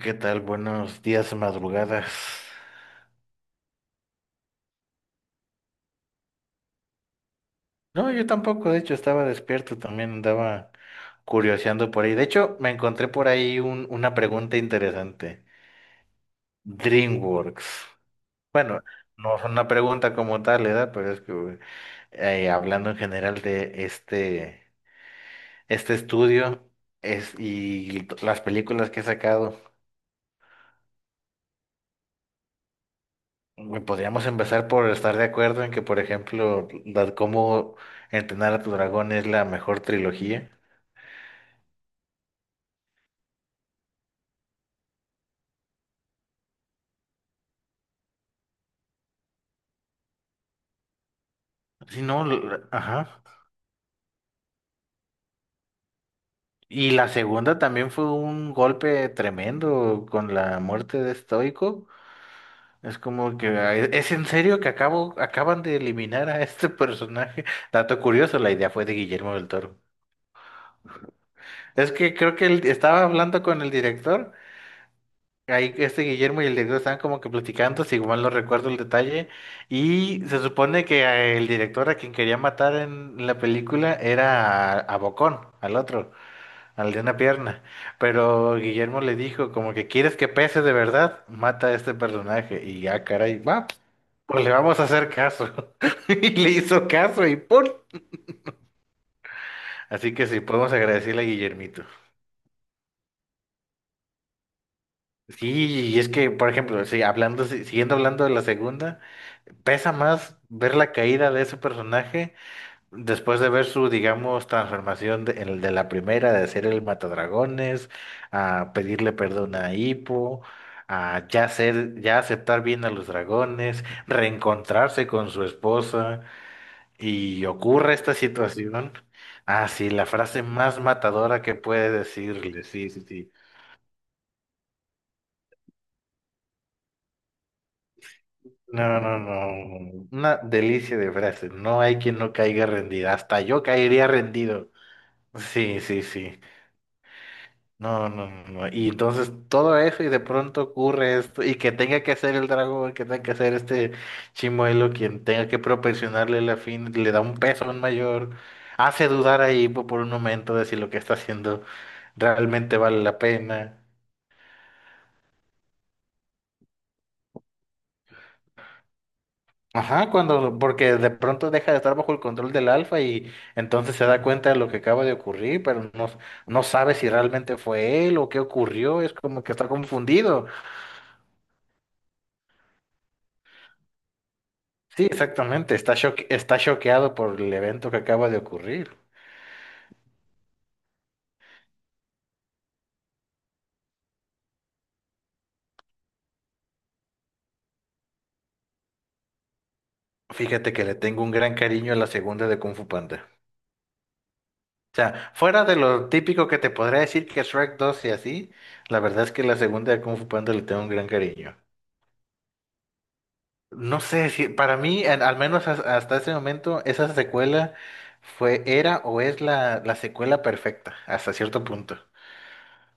¿Qué tal? Buenos días, madrugadas. No, yo tampoco, de hecho, estaba despierto, también andaba curioseando por ahí. De hecho, me encontré por ahí una pregunta interesante. DreamWorks. Bueno, no es una pregunta como tal, ¿verdad? Pero es que hablando en general de este, este estudio es, y las películas que he sacado, güey, podríamos empezar por estar de acuerdo en que, por ejemplo, cómo entrenar a tu dragón es la mejor trilogía. Sí, no, ajá. Y la segunda también fue un golpe tremendo con la muerte de Stoico. Es como que ah, es en serio que acaban de eliminar a este personaje. Dato curioso, la idea fue de Guillermo del Toro. Es que creo que él estaba hablando con el director. Ahí este Guillermo y el director estaban como que platicando, si igual no recuerdo el detalle. Y se supone que el director a quien quería matar en la película era a Bocón, al otro. Al de una pierna. Pero Guillermo le dijo, como que quieres que pese de verdad, mata a este personaje. Y ya, caray, va, pues le vamos a hacer caso. Y le hizo caso y ¡pum! Así que sí, podemos agradecerle a Guillermito. Sí, y es que, por ejemplo, sí, hablando, si- siguiendo hablando de la segunda, pesa más ver la caída de ese personaje después de ver su, digamos, transformación de, el de la primera, de ser el matadragones, a pedirle perdón a Hippo, a ya ser, ya aceptar bien a los dragones, reencontrarse con su esposa, y ocurre esta situación. Ah, sí, la frase más matadora que puede decirle, sí, sí, sí. No, no, no, no, una delicia de frase, no hay quien no caiga rendida, hasta yo caería rendido. Sí, sí, sí. No, no, no, no. Y entonces todo eso y de pronto ocurre esto y que tenga que hacer el dragón, que tenga que hacer este chimuelo, quien tenga que proporcionarle la fin, le da un peso mayor, hace dudar ahí por un momento de si lo que está haciendo realmente vale la pena. Ajá, cuando, porque de pronto deja de estar bajo el control del alfa y entonces se da cuenta de lo que acaba de ocurrir, pero no, no sabe si realmente fue él o qué ocurrió, es como que está confundido. Sí, exactamente. Está choqueado por el evento que acaba de ocurrir. Fíjate que le tengo un gran cariño a la segunda de Kung Fu Panda. O sea, fuera de lo típico que te podría decir que Shrek 2 y así, la verdad es que la segunda de Kung Fu Panda le tengo un gran cariño. No sé si para mí, al hasta ese momento, esa secuela fue, era o es la secuela perfecta, hasta cierto punto.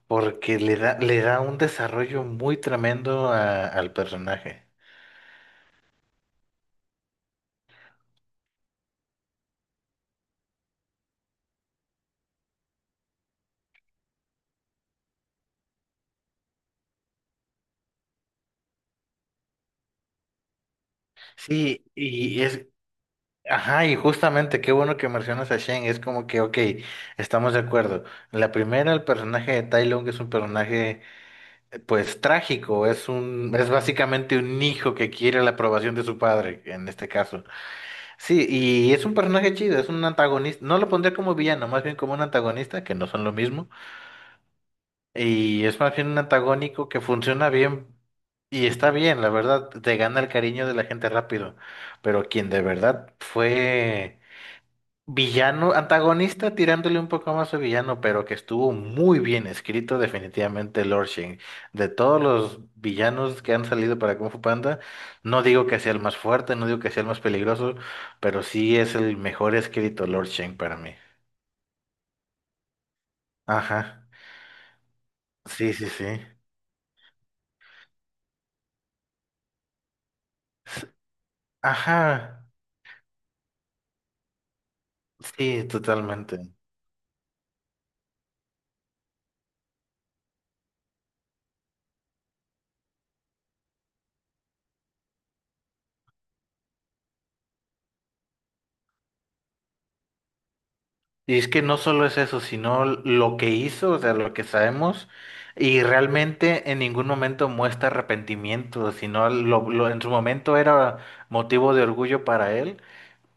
Porque le da un desarrollo muy tremendo al personaje. Sí, y es, ajá, y justamente qué bueno que mencionas a Shen, es como que, ok, estamos de acuerdo. La primera, el personaje de Tai Lung es un personaje, pues, trágico, es un, es básicamente un hijo que quiere la aprobación de su padre, en este caso. Sí, y es un personaje chido, es un antagonista, no lo pondría como villano, más bien como un antagonista, que no son lo mismo, y es más bien un antagónico que funciona bien. Y está bien, la verdad, te gana el cariño de la gente rápido, pero quien de verdad fue villano, antagonista tirándole un poco más a villano, pero que estuvo muy bien escrito definitivamente Lord Shen. De todos los villanos que han salido para Kung Fu Panda, no digo que sea el más fuerte, no digo que sea el más peligroso, pero sí es el mejor escrito Lord Shen para mí. Ajá. Sí, sí, sí. S- Ajá. Sí, totalmente. Y es que no solo es eso, sino lo que hizo, o sea, lo que sabemos, y realmente en ningún momento muestra arrepentimiento, sino en su momento era motivo de orgullo para él,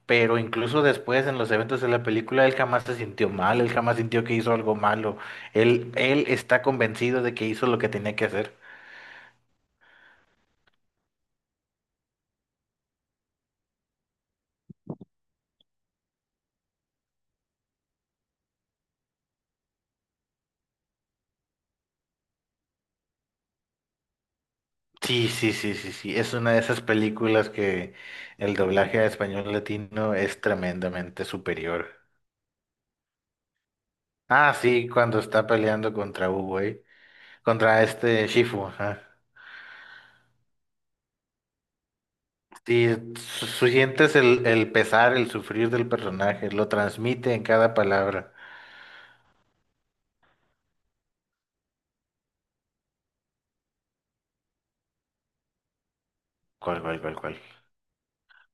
pero incluso después en los eventos de la película él jamás se sintió mal, él jamás sintió que hizo algo malo, él está convencido de que hizo lo que tenía que hacer. Sí, sí, sí, sí, sí, es una de esas películas que el doblaje a español latino es tremendamente superior. Ah, sí, cuando está peleando contra Hugo, ¿eh? Contra este Shifu, ajá. Sí, sientes el pesar, el sufrir del personaje, lo transmite en cada palabra. ¿Cuál, cuál, cuál, cuál?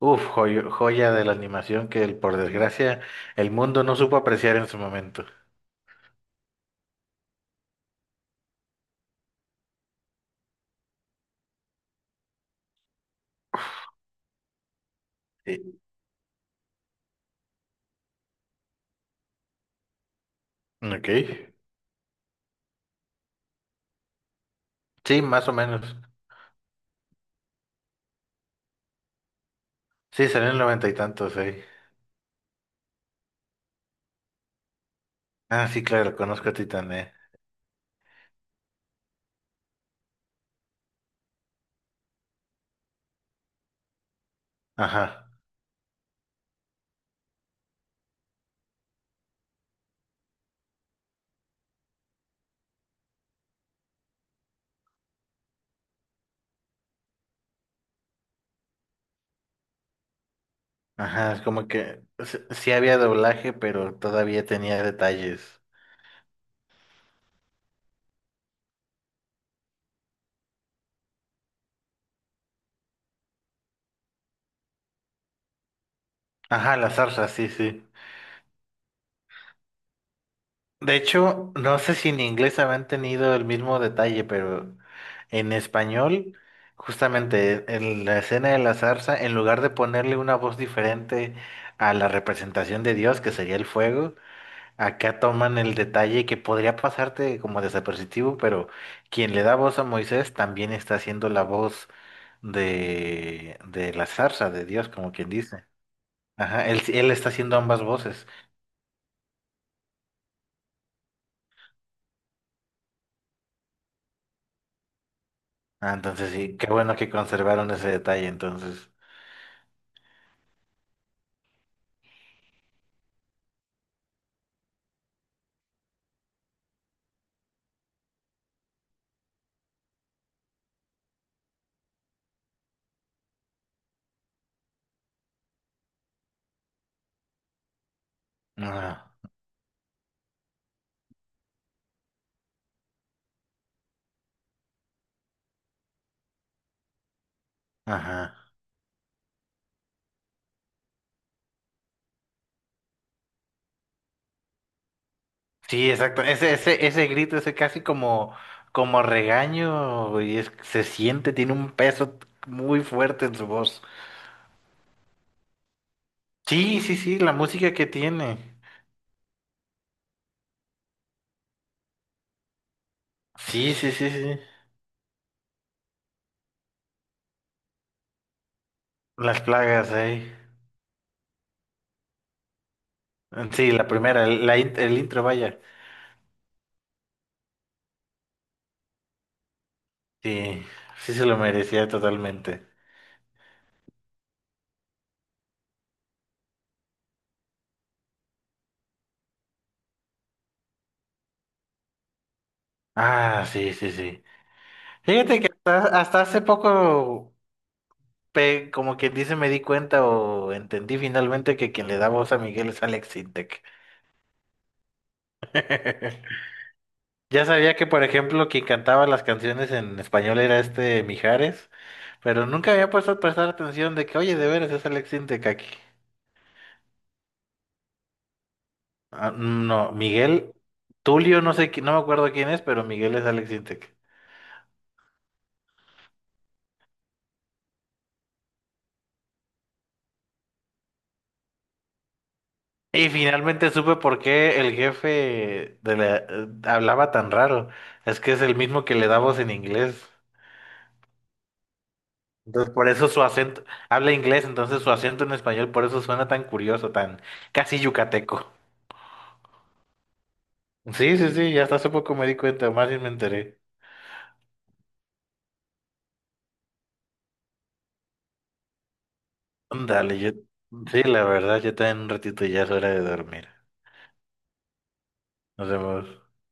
Uf, joya de la animación que, por desgracia, el mundo no supo apreciar en su momento. Sí. Ok. Sí, más o menos. Sí, salió en el noventa y tantos, ¿eh? Ah, sí, claro, conozco a Titané. Ajá. Ajá, es como que sí había doblaje, pero todavía tenía detalles. Ajá, la zarza, sí, sí. De hecho, no sé si en inglés habrán tenido el mismo detalle, pero en español, justamente en la escena de la zarza, en lugar de ponerle una voz diferente a la representación de Dios, que sería el fuego, acá toman el detalle que podría pasarte como desapercibido, pero quien le da voz a Moisés también está haciendo la voz de la zarza, de Dios, como quien dice. Ajá, él está haciendo ambas voces. Ah, entonces sí, qué bueno que conservaron ese detalle, entonces. Ajá, ajá. Sí, exacto. Ese grito, ese casi como, como regaño, y es, se siente, tiene un peso muy fuerte en su voz. Sí, sí, sí, la música que tiene. Sí, sí, sí, sí. Las plagas ahí. Sí, la primera, el, el intro, vaya. Sí, sí se lo merecía totalmente. Ah, sí, sí, sí. Fíjate que hasta, hasta hace poco como quien dice, me di cuenta o entendí finalmente que quien le da voz a Miguel es Alex Sintek. Ya sabía que, por ejemplo, quien cantaba las canciones en español era este Mijares, pero nunca había puesto a prestar atención de que, oye, de veras es Alex Sintek aquí. Ah, no, Miguel, Tulio, no sé, no me acuerdo quién es, pero Miguel es Alex Sintek. Y finalmente supe por qué el jefe de hablaba tan raro. Es que es el mismo que le da voz en inglés. Entonces, por eso su acento, habla inglés, entonces su acento en español, por eso suena tan curioso, tan casi yucateco. Sí, sí, sí, ya hasta hace poco me di cuenta, más bien me enteré. Dale, yo, sí, la verdad, yo también un ratito ya es hora de dormir. Nos vemos.